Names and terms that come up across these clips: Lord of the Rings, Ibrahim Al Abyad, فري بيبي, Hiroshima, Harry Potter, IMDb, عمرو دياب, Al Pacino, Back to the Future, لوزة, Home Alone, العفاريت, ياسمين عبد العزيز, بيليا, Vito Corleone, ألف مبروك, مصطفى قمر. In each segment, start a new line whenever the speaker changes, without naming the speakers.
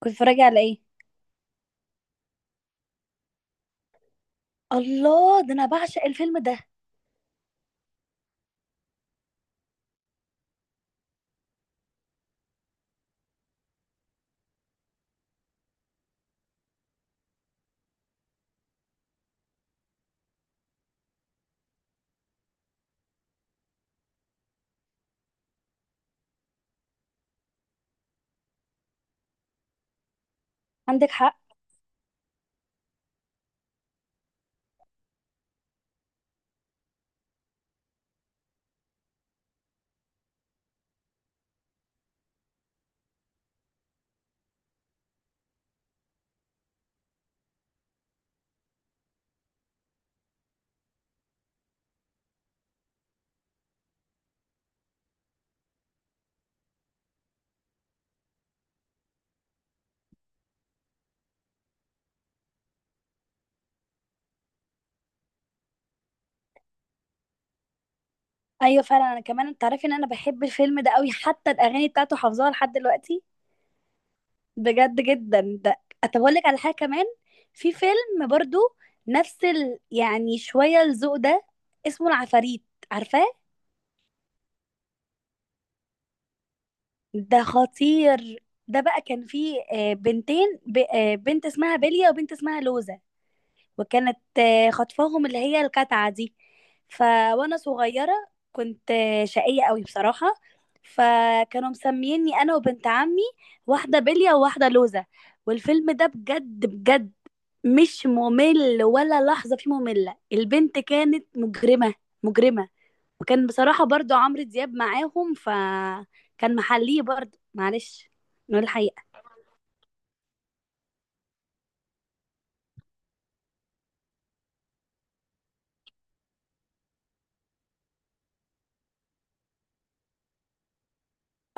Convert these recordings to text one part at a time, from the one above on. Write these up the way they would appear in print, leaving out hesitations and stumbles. كنت بتتفرجي على ايه؟ الله، ده انا بعشق الفيلم ده. عندك حق. ايوه فعلا، انا كمان. انت عارفه ان انا بحب الفيلم ده قوي، حتى الاغاني بتاعته حافظاها لحد دلوقتي. بجد جدا. ده طب اقول لك على حاجه كمان. في فيلم برضو يعني شويه الذوق ده. اسمه العفاريت. عارفاه؟ ده خطير. ده بقى كان فيه بنتين ب... آه، بنت اسمها بيليا وبنت اسمها لوزة. وكانت خطفاهم اللي هي الكتعة دي. ف وانا صغيرة كنت شقية قوي بصراحة. فكانوا مسميني انا وبنت عمي واحدة بلية وواحدة لوزة. والفيلم ده بجد بجد مش ممل ولا لحظة فيه مملة. البنت كانت مجرمة، مجرمة. وكان بصراحة برضو عمرو دياب معاهم، فكان محليه برضو. معلش، نقول الحقيقة.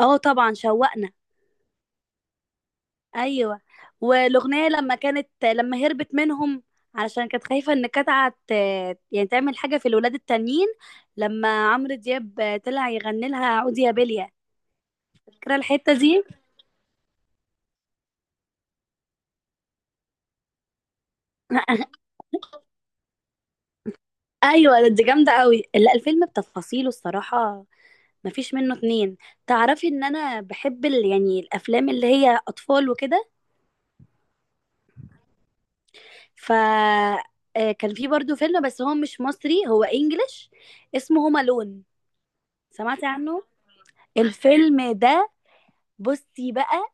اه، طبعا شوقنا. ايوه. والاغنيه لما هربت منهم، علشان كانت خايفه ان كتعه يعني تعمل حاجه في الولاد التانيين. لما عمرو دياب طلع يغني لها عودي يا بليا. فاكره الحته دي؟ ايوه، دي جامده قوي. لا، الفيلم بتفاصيله الصراحه مفيش منه اتنين. تعرفي ان انا بحب يعني الافلام اللي هي اطفال وكده. ف كان في برضو فيلم، بس هو مش مصري، هو انجليش. اسمه هوم الون. سمعتي عنه؟ الفيلم ده، بصي بقى،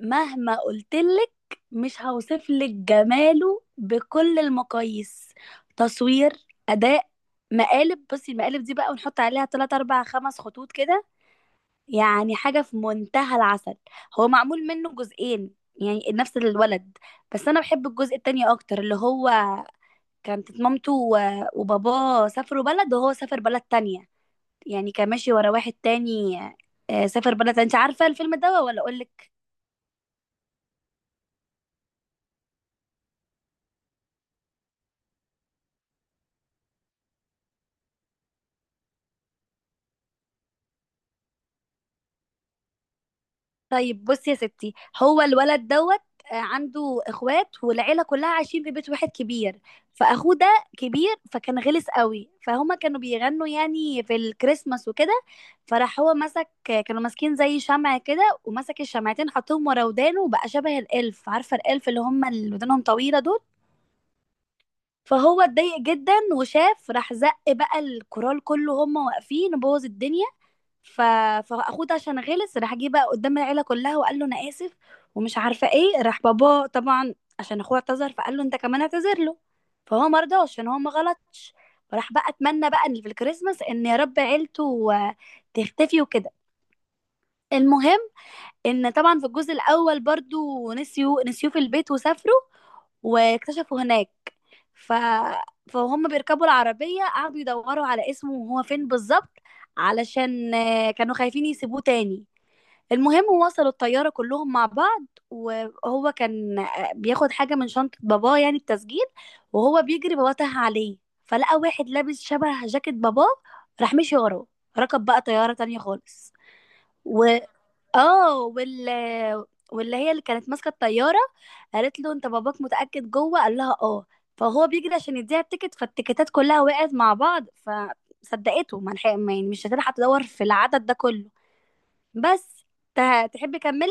مهما قلتلك، مش هوصفلك جماله بكل المقاييس. تصوير، أداء، مقالب. بصي المقالب دي بقى، ونحط عليها تلات أربع خمس خطوط كده. يعني حاجة في منتهى العسل. هو معمول منه جزئين، يعني نفس الولد. بس أنا بحب الجزء التاني أكتر، اللي هو كانت مامته و- وباباه سافروا بلد وهو سافر بلد تانية. يعني كان ماشي ورا واحد تاني. سافر بلد تانية. انت عارفة الفيلم ده ولا أقولك؟ طيب، بصي يا ستي. هو الولد دوت عنده اخوات والعيله كلها عايشين في بيت واحد كبير. فاخوه ده كبير، فكان غلس قوي. فهما كانوا بيغنوا يعني في الكريسماس وكده، فراح هو مسك، كانوا ماسكين زي شمع كده، ومسك الشمعتين حطهم ورا ودانه، وبقى شبه الالف. عارفه الالف اللي هم اللي ودانهم طويله دول؟ فهو اتضايق جدا، وشاف راح زق بقى الكورال كله، هما واقفين، وبوظ الدنيا. ف... فاخوه ده عشان غلس، راح جه بقى قدام العيله كلها وقال له انا اسف، ومش عارفه ايه. راح باباه طبعا عشان اخوه اعتذر، فقال له انت كمان اعتذر له. فهو ما رضاش عشان هو ما غلطش. فراح بقى اتمنى بقى ان في الكريسماس ان يا رب عيلته تختفي وكده. المهم، ان طبعا في الجزء الاول برضو نسيوه في البيت وسافروا، واكتشفوا هناك. ف... فهم بيركبوا العربية، قعدوا يدوروا على اسمه وهو فين بالظبط، علشان كانوا خايفين يسيبوه تاني. المهم، وصلوا الطيارة كلهم مع بعض، وهو كان بياخد حاجة من شنطة باباه، يعني التسجيل، وهو بيجري باباه تاه عليه. فلقى واحد لابس شبه جاكيت باباه، راح مشي وراه، ركب بقى طيارة تانية خالص. و اه وال واللي هي اللي كانت ماسكة الطيارة قالت له انت باباك متأكد جوه؟ قال لها اه. فهو بيجري عشان يديها التيكت، فالتيكتات كلها وقعت مع بعض فصدقته، ما لحق- ما- يعني مش هتلحق تدور في العدد ده كله. بس، تحب اكمل؟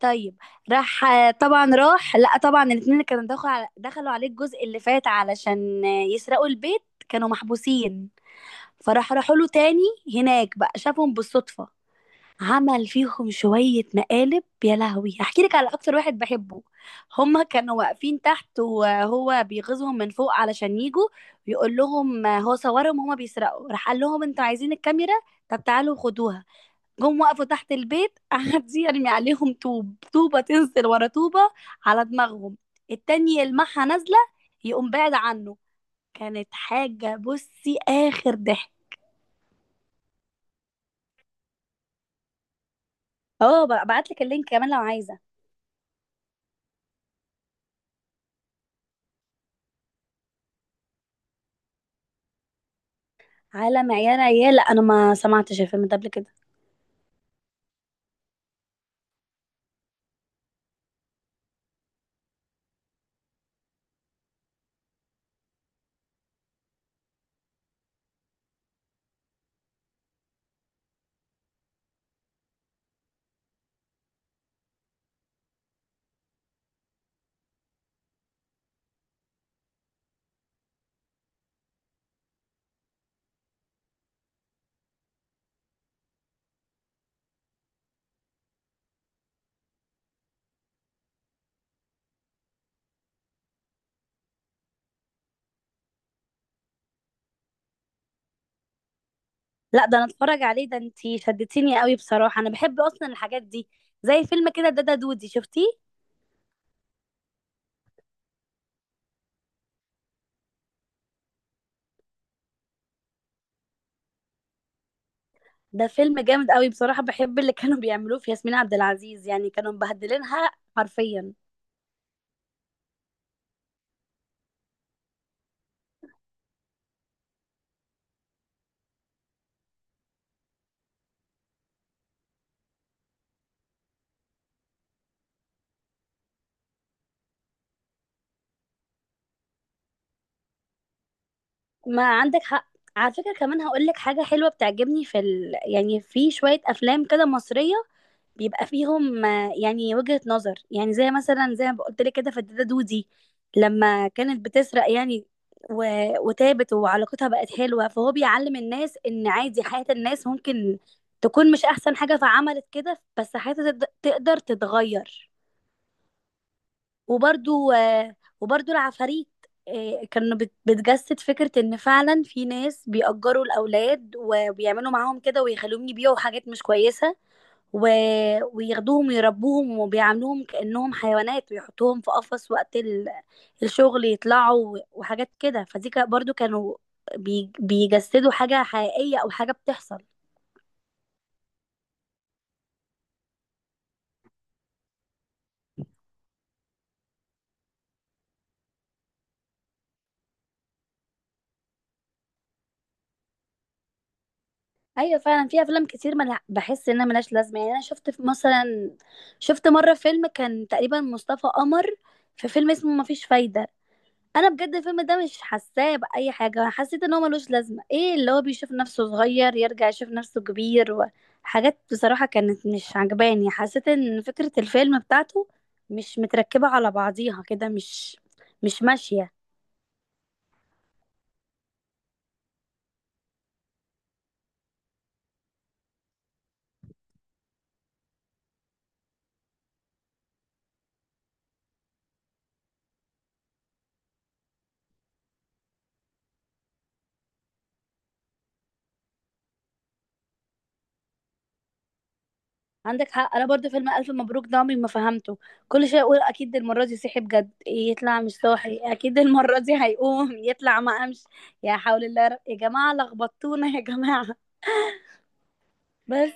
طيب. راح آه، طبعا راح. لا، طبعا الاتنين كانوا دخلوا عليه الجزء اللي فات علشان يسرقوا البيت. كانوا محبوسين، فراح راحوا له تاني. هناك بقى شافهم بالصدفة، عمل فيهم شوية مقالب. يا لهوي، هحكي لك على أكتر واحد بحبه. هما كانوا واقفين تحت وهو بيغيظهم من فوق علشان يجوا يقول لهم هو صورهم هما بيسرقوا. راح قال لهم انتوا عايزين الكاميرا؟ طب تعالوا خدوها. جم وقفوا تحت البيت، قعد يرمي عليهم طوب. طوبة تنزل ورا طوبة على دماغهم، التاني يلمحها نازلة يقوم بعد عنه. كانت حاجة بصي آخر ضحك. اه، ببعت لك اللينك كمان لو عايزة. عالم عيال عيال؟ لا، انا ما سمعتش الفيلم ده قبل كده. لا، ده انا اتفرج عليه. ده انتي شدتيني قوي بصراحة، انا بحب اصلا الحاجات دي. زي فيلم كده دادا دودي، شفتيه؟ ده فيلم جامد قوي بصراحة. بحب اللي كانوا بيعملوه في ياسمين عبد العزيز، يعني كانوا مبهدلينها حرفيا. ما عندك حق. على فكرة كمان هقول لك حاجة حلوة بتعجبني يعني في شوية أفلام كده مصرية، بيبقى فيهم يعني وجهة نظر. يعني زي مثلا زي ما قلت لك كده فتاة دودي، لما كانت بتسرق يعني، و... وتابت وعلاقتها بقت حلوة، فهو بيعلم الناس إن عادي، حياة الناس ممكن تكون مش أحسن حاجة فعملت كده، بس حياتها تقدر تتغير. وبرضو آه، وبرضو العفاريت، كانوا بتجسد فكرة ان فعلا في ناس بيأجروا الأولاد وبيعملوا معاهم كده ويخلوهم يبيعوا حاجات مش كويسة، و... وياخدوهم ويربوهم وبيعاملوهم كأنهم حيوانات، ويحطوهم في قفص وقت الشغل يطلعوا، و- وحاجات كده. فدي برضو كانوا بيجسدوا حاجة حقيقية أو حاجة بتحصل. ايوه فعلا، في افلام كتير بحس انها ملهاش لازمه. يعني انا شفت مثلا شفت مره فيلم كان تقريبا مصطفى قمر، في فيلم اسمه مفيش فايده. انا بجد الفيلم ده مش حاساه باي حاجه، انا حسيت ان هو ملوش لازمه. ايه اللي هو بيشوف نفسه صغير يرجع يشوف نفسه كبير؟ وحاجات بصراحه كانت مش عجباني. حسيت ان فكره الفيلم بتاعته مش متركبه على بعضيها كده، مش ماشيه. عندك حق. انا برضو فيلم الف مبروك ده عمري ما فهمته. كل شويه اقول اكيد المره دي صحي بجد، يطلع مش صاحي. اكيد المره دي هيقوم يطلع ما قامش. يا حول الله يا رب. يا جماعه لخبطتونا يا جماعه. بس.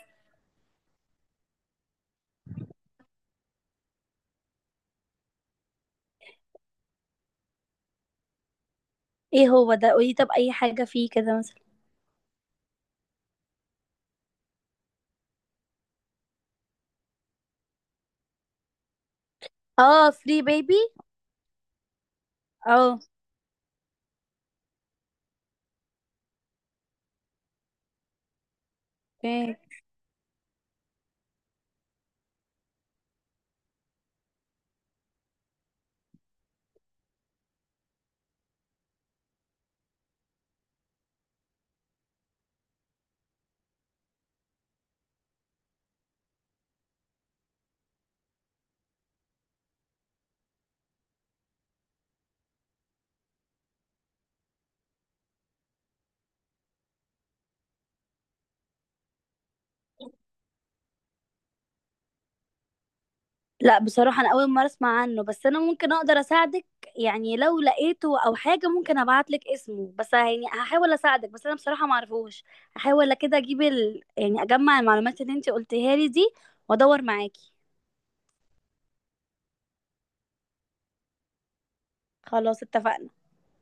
ايه هو ده، قولي. طب اي حاجه فيه كده مثلا. اه، فري بيبي. اه. اوكي. لا بصراحة، أنا أول مرة أسمع عنه. بس أنا ممكن أقدر أساعدك. يعني لو لقيته أو حاجة ممكن أبعتلك اسمه. بس يعني هحاول أساعدك، بس أنا بصراحة معرفوش. هحاول كده أجيب يعني أجمع المعلومات اللي أنت قلتيها لي دي، وأدور معاكي. خلاص اتفقنا.